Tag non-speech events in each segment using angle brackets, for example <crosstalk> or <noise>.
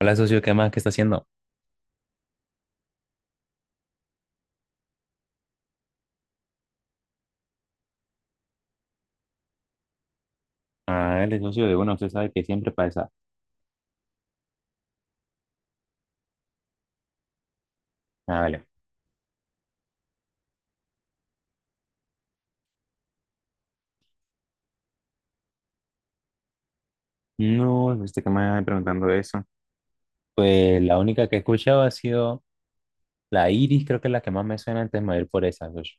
Hola, socio, ¿qué más? ¿Qué está haciendo? Ah, el socio de uno, usted sabe que siempre pasa. Ah, vale. No, este que me va preguntando eso. Pues la única que he escuchado ha sido la Iris, creo que es la que más me suena antes de me por esa, socio.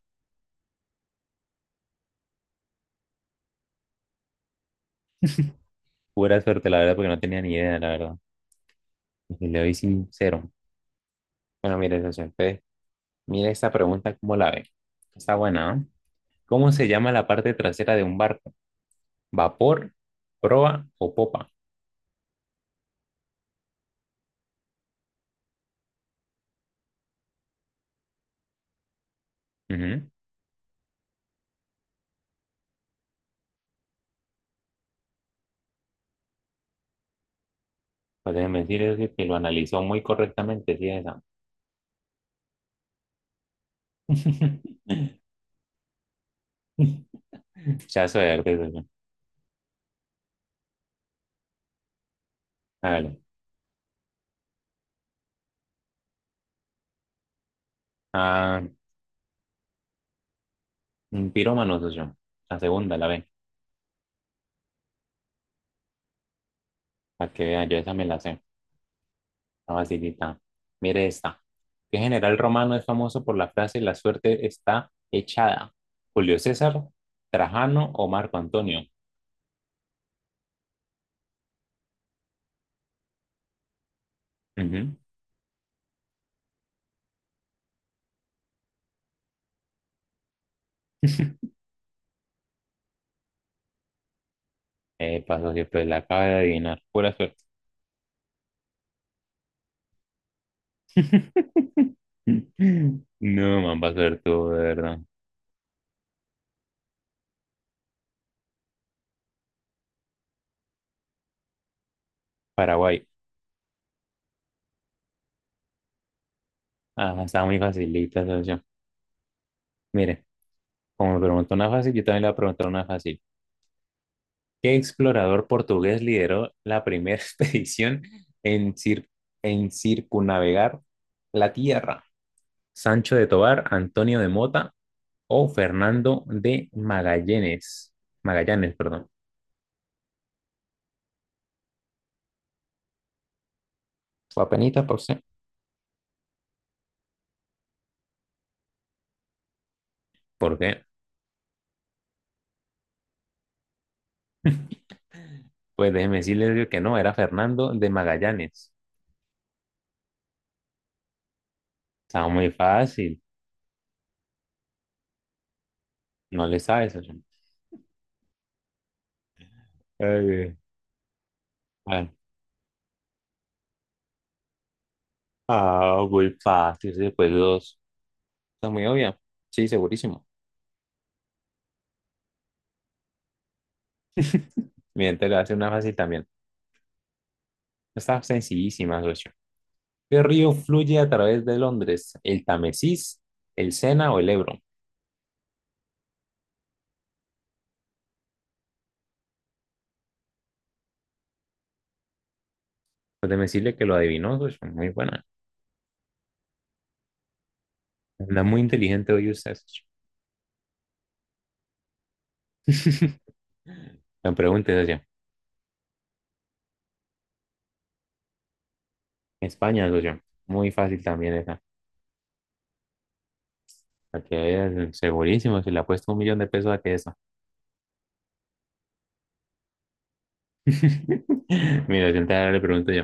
Pura suerte, la verdad, porque no tenía ni idea, la verdad. Y si le doy sincero. Bueno, mire, socio, entonces, mire esta pregunta, ¿cómo la ve? Está buena, ¿no? ¿Cómo se llama la parte trasera de un barco? ¿Vapor, proa o popa? Ujú. Pues déjeme decir socio, que lo analizó muy correctamente, sí, esa. <laughs> Ya eso de arte, soy artista yo. Hágale. Ah, un pirómano soy yo. La segunda, la B. Para que vean, yo esa me la sé. Está facilita. Mire esta. ¿Qué general romano es famoso por la frase la suerte está echada? ¿Julio César, Trajano o Marco Antonio? Ujú. <laughs> Pasó que pues la acaba de adivinar. Pura suerte. <laughs> No, man, va a ser tú, de verdad. Paraguay. Ah, está muy facilita, socio. Mire, como me preguntó una fácil, yo también le voy a preguntar una fácil. ¿Qué explorador portugués lideró la primera <laughs> expedición en, cir- en circunnavegar la Tierra? ¿Sancho de Tobar, Antonio de Mota o Fernando de Magallanes? Magallanes, perdón. Fue apenitas por usted. ¿Por qué? Pues déjeme decirle que no, era Fernando de Magallanes. Estaba muy fácil. No le sabes. Oye. Eh, ah, muy fácil. Después dos. Está muy obvia. Sí, segurísimo. Miren, te lo hace una fácil también. Está sencillísima, socio. ¿Qué río fluye a través de Londres? ¿El Támesis, el Sena o el Ebro? Pues déjeme decirle que lo adivinó, socio. Muy buena. Anda muy inteligente hoy usted, socio. <laughs> Me pregunte, socio. España, socio. Muy fácil también esa. La que es segurísimo, si le apuesto 1.000.000 de pesos a que esa. <laughs> Mira, yo entonces ahora le pregunto yo.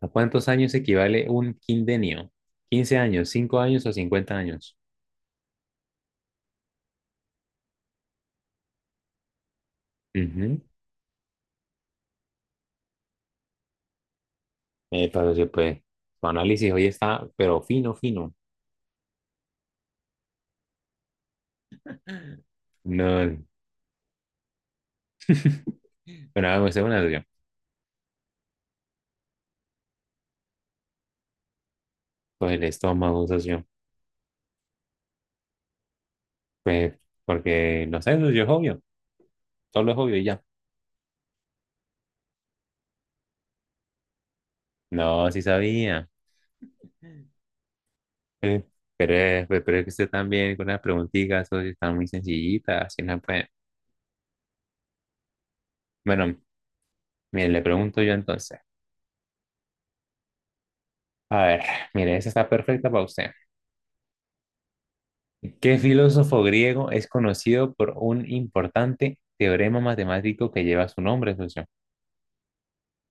¿A cuántos años equivale un quindenio? ¿15 años, 5 años o 50 años? Ujú. Eh, para pues, tu análisis hoy está, pero fino, fino. No, <laughs> bueno, hago esta una socio. Pues el estómago, socio. Pues, porque, no sé, socio, es obvio. Solo es obvio y ya. No, sí sabía. Eh, pero es que usted también con las preguntitas, socio, están muy sencillitas. Así no puede. Bueno, mire, le pregunto yo entonces. A ver, mire, esa está perfecta para usted. ¿Qué filósofo griego es conocido por un importante teorema matemático que lleva su nombre, socio?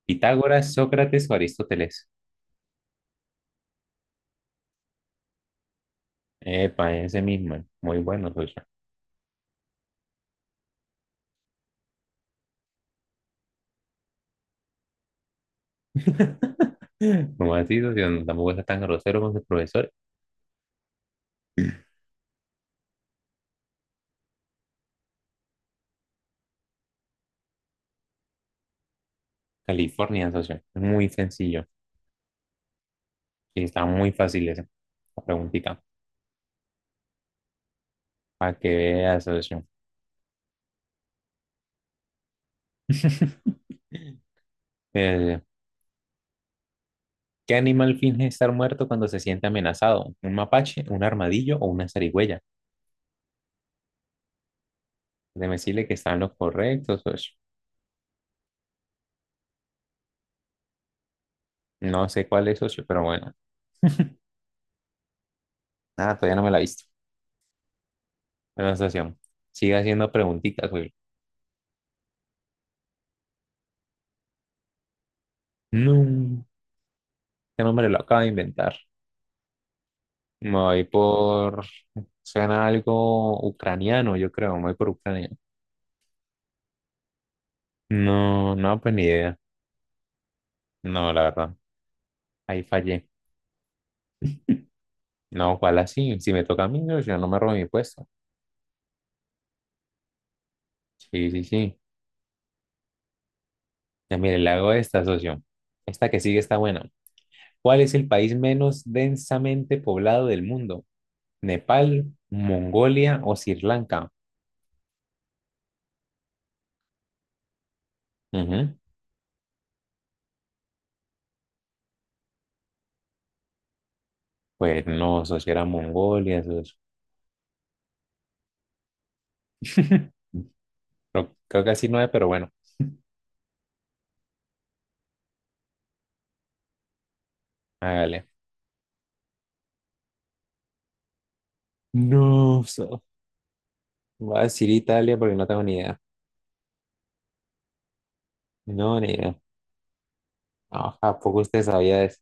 Pitágoras, Sócrates o Aristóteles. Epa, ese mismo. Muy bueno, socio. <laughs> Como así, socio, no, tampoco está tan grosero con su profesor. California, socio. Es muy sencillo. Y está muy fácil esa la preguntita. Para que veas, socio. <laughs> Eh, ¿qué animal finge estar muerto cuando se siente amenazado? ¿Un mapache, un armadillo o una zarigüeya? Déjeme decirle que están los correctos, socio. No sé cuál es, socio, pero bueno. Nada, todavía no me la he visto. Anastasia, sigue haciendo preguntitas, güey. No, este nombre lo acaba de inventar. Me voy por... Suena algo ucraniano, yo creo. Me voy por Ucrania. No, no, pues ni idea. No, la verdad. Ahí fallé. No, ¿cuál así? Si me toca a mí, yo no me robo mi puesto. Sí, sí, sí. Ya mire, le hago esta, socio. Esta que sigue está buena. ¿Cuál es el país menos densamente poblado del mundo? ¿Nepal, Mongolia o Sri Lanka? Ujú. Pues no, eso sí era Mongolia, eso es- <laughs> Creo que así no es, pero bueno, hágale. No, so- voy a decir Italia porque no tengo ni idea. No, ni idea. Ah, ¿a poco usted sabía de eso?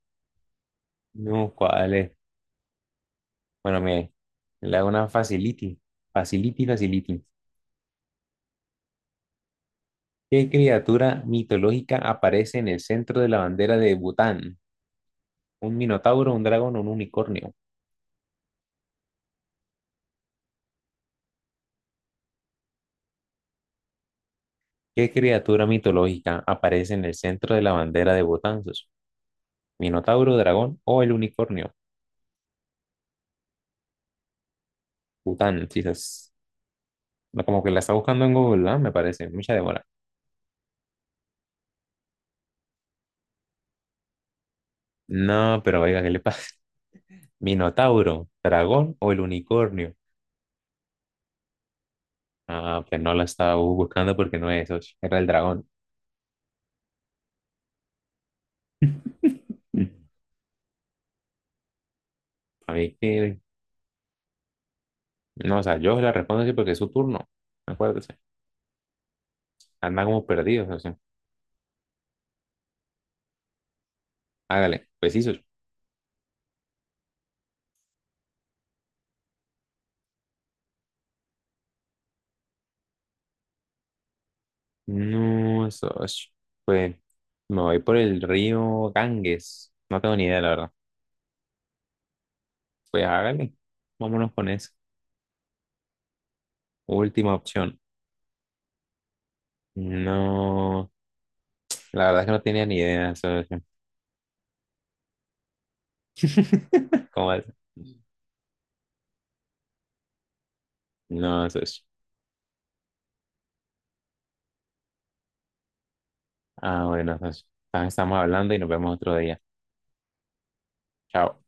No, ¿cuál es? Bueno, mire, le hago una facility. Facility, facility. ¿Qué criatura mitológica aparece en el centro de la bandera de Bután? ¿Un minotauro, un dragón o un unicornio? ¿Qué criatura mitológica aparece en el centro de la bandera de Bután? ¿Sus? ¿Minotauro, dragón o el unicornio? Bután, Jesus. No, como que la está buscando en Google, ¿verdad? Me parece, mucha demora. No, pero oiga, ¿qué le pasa? <laughs> ¿Minotauro, dragón o el unicornio? Ah, pues no la estaba buscando porque no es eso, era el dragón. <laughs> A mí que, no, o sea, yo la respondo así porque es su turno, acuérdese. Anda como perdidos, o sea, hágale, pues sí, socio. No, eso, pues me voy por el río Ganges, no tengo ni idea, la verdad. Pues hágale, vámonos con eso. Última opción. No, la verdad es que no tenía ni idea, socio. <laughs> ¿Cómo es? No, socio. Ah, bueno, socio. Ah, estamos hablando y nos vemos otro día. Chao.